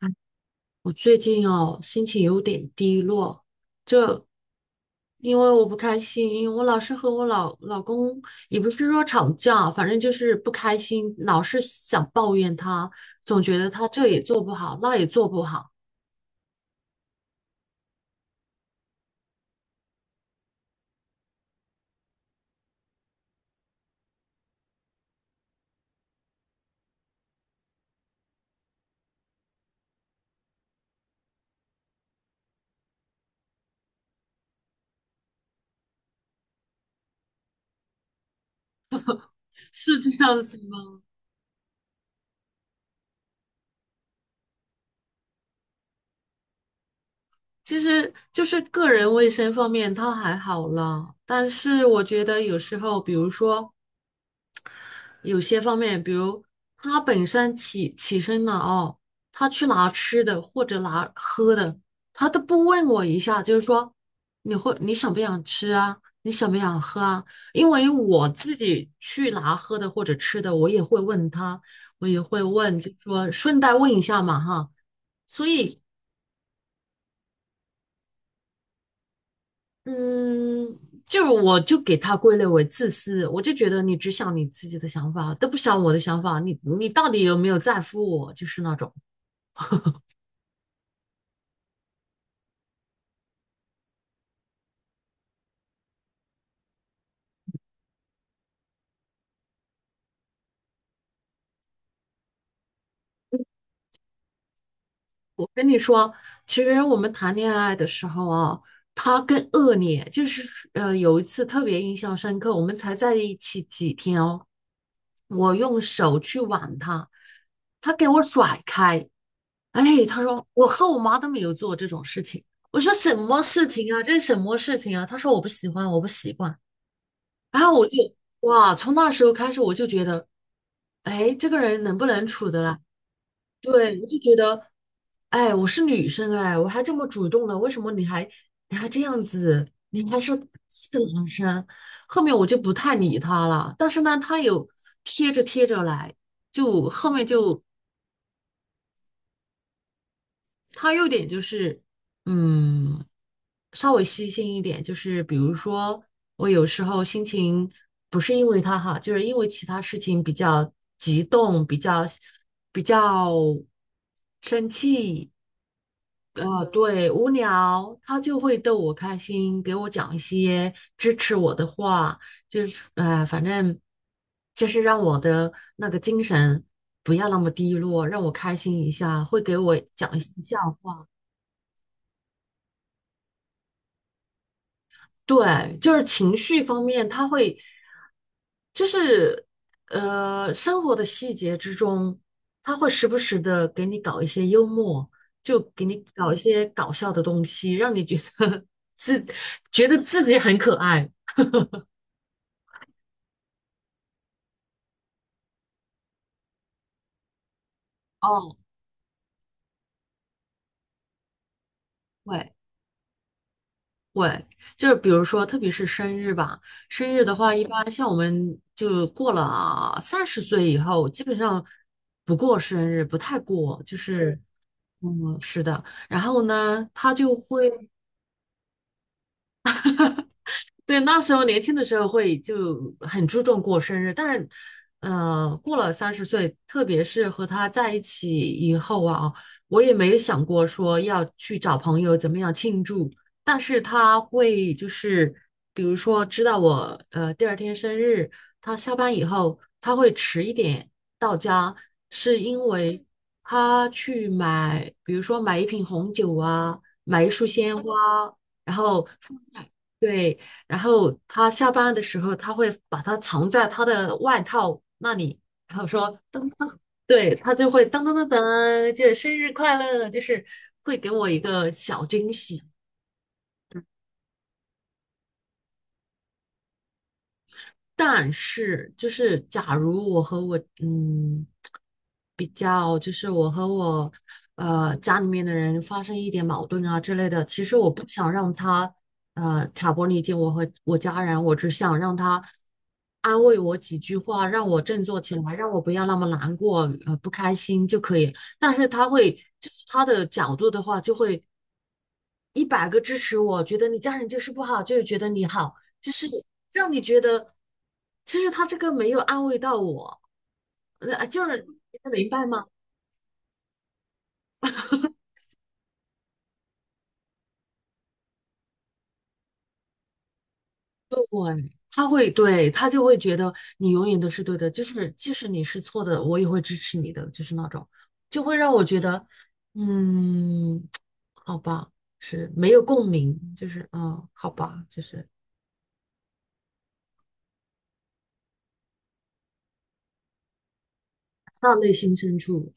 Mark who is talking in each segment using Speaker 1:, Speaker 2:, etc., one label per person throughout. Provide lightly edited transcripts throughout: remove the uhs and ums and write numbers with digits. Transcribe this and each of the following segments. Speaker 1: 哎，我最近哦，心情有点低落，就因为我不开心，我老是和我老公也不是说吵架，反正就是不开心，老是想抱怨他，总觉得他这也做不好，那也做不好。是这样子吗？其实就是个人卫生方面他还好啦，但是我觉得有时候，比如说。有些方面，比如他本身起身了哦，他去拿吃的或者拿喝的，他都不问我一下，就是说你想不想吃啊？你想不想喝啊？因为我自己去拿喝的或者吃的，我也会问他，我也会问，就说顺带问一下嘛哈。所以，嗯，就是我就给他归类为自私，我就觉得你只想你自己的想法，都不想我的想法，你到底有没有在乎我？就是那种。我跟你说，其实我们谈恋爱的时候啊，他更恶劣，就是有一次特别印象深刻，我们才在一起几天哦，我用手去挽他，他给我甩开，哎，他说我和我妈都没有做这种事情，我说什么事情啊，这是什么事情啊？他说我不喜欢，我不习惯，然后我就哇，从那时候开始我就觉得，哎，这个人能不能处的啦？对，我就觉得，哎，我是女生，哎，我还这么主动呢，为什么你还这样子？你还是个男生，后面我就不太理他了。但是呢，他有贴着贴着来，就后面就他有点就是，嗯，稍微细心一点，就是比如说我有时候心情不是因为他哈，就是因为其他事情比较激动，比较生气，对，无聊，他就会逗我开心，给我讲一些支持我的话，就是反正就是让我的那个精神不要那么低落，让我开心一下，会给我讲一些笑话。对，就是情绪方面，他会就是生活的细节之中，他会时不时的给你搞一些幽默，就给你搞一些搞笑的东西，让你觉得 自觉得自己很可爱。哦，对，会，就是比如说，特别是生日吧，生日的话，一般像我们就过了三十岁以后，基本上不过生日，不太过，就是，嗯，是的。然后呢，他就会，嗯，对，那时候年轻的时候会就很注重过生日，但过了三十岁，特别是和他在一起以后啊，我也没有想过说要去找朋友怎么样庆祝，但是他会就是比如说知道我第二天生日，他下班以后他会迟一点到家，是因为他去买，比如说买一瓶红酒啊，买一束鲜花，然后放在。对，然后他下班的时候，他会把它藏在他的外套那里，然后说噔，对，他就会噔噔噔噔，就是生日快乐，就是会给我一个小惊喜。但是就是假如我和我嗯比较，就是我和我家里面的人发生一点矛盾啊之类的，其实我不想让他挑拨离间我和我家人，我只想让他安慰我几句话，让我振作起来，让我不要那么难过不开心就可以。但是他会就是他的角度的话，就会一百个支持我，觉得你家人就是不好，就是觉得你好。就是让你觉得，其实他这个没有安慰到我，那就是你能明白吗？对，他就会觉得你永远都是对的，就是即使你是错的，我也会支持你的，就是那种，就会让我觉得，嗯，好吧，是没有共鸣，就是嗯，好吧，就是到内心深处。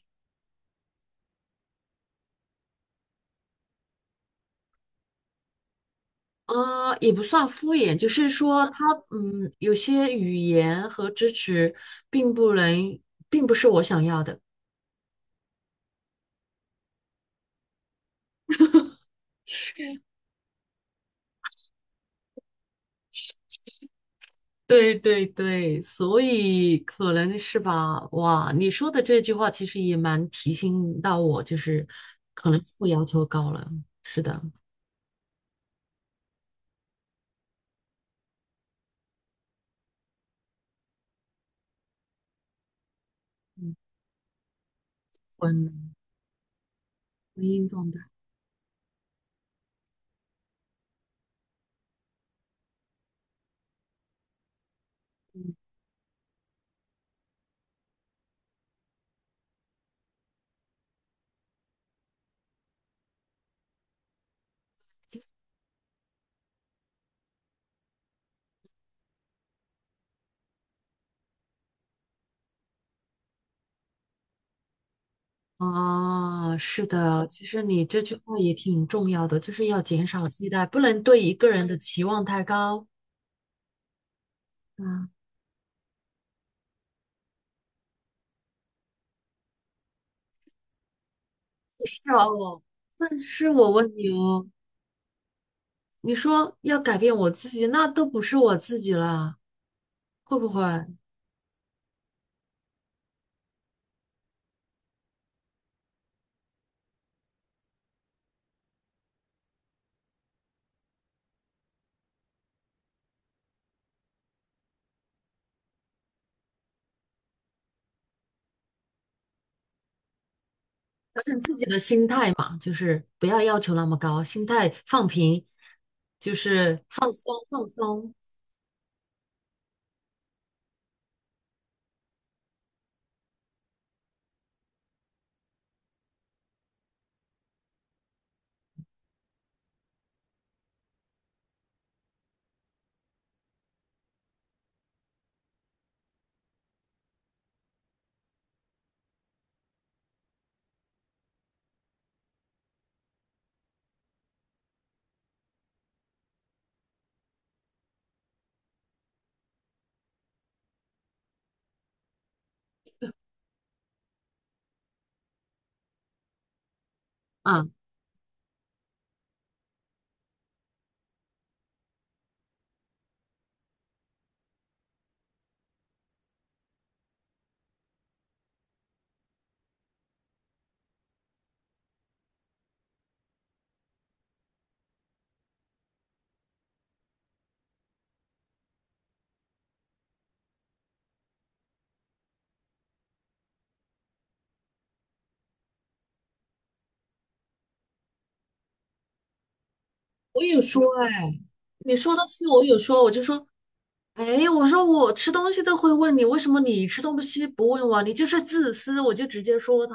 Speaker 1: 啊，也不算敷衍，就是说他嗯，有些语言和支持并不能，并不是我想要的。对对对，所以可能是吧。哇，你说的这句话其实也蛮提醒到我，就是可能自我要求高了。是的，嗯，婚婚姻状态。啊，是的，其实你这句话也挺重要的，就是要减少期待，不能对一个人的期望太高。啊，是哦，但是我问你哦，你说要改变我自己，那都不是我自己了，会不会调整自己的心态嘛？就是不要要求那么高，心态放平，就是放松放松啊。我有说哎，你说的这个我有说，我就说，哎，我说我吃东西都会问你，为什么你吃东西不问我？你就是自私，我就直接说他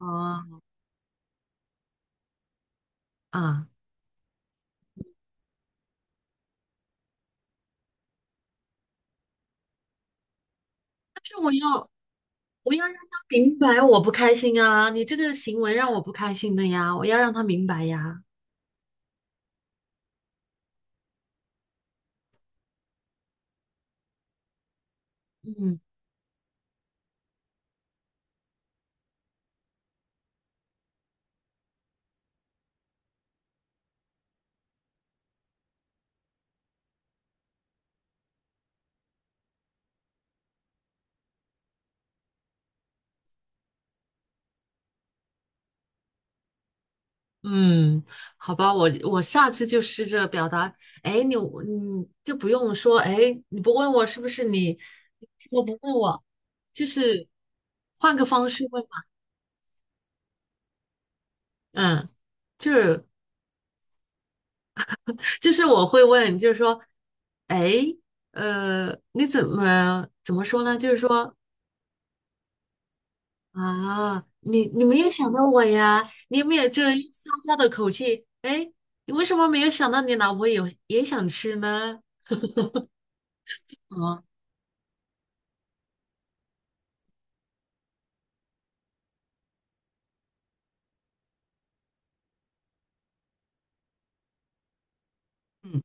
Speaker 1: 啊啊。但是我要。我要让他明白我不开心啊！你这个行为让我不开心的呀，我要让他明白呀。嗯嗯，好吧，我下次就试着表达。哎，你就不用说，哎，你不问我是不是你，你我不问我，就是换个方式问嘛。嗯，就是就是我会问，就是说，哎，你怎么说呢？就是说，啊，你没有想到我呀？你有没有这用撒娇的口气？哎，你为什么没有想到你老婆也想吃呢？嗯嗯，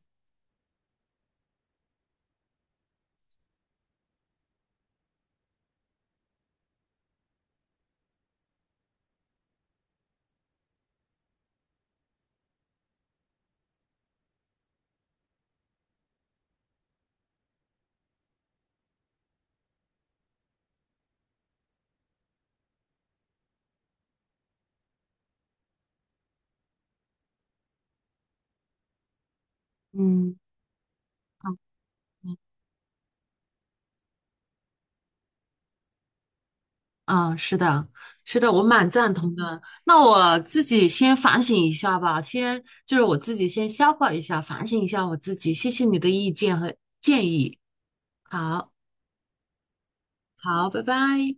Speaker 1: 嗯嗯，啊，是的，是的，我蛮赞同的。那我自己先反省一下吧，先就是我自己先消化一下，反省一下我自己。谢谢你的意见和建议。好，好，拜拜。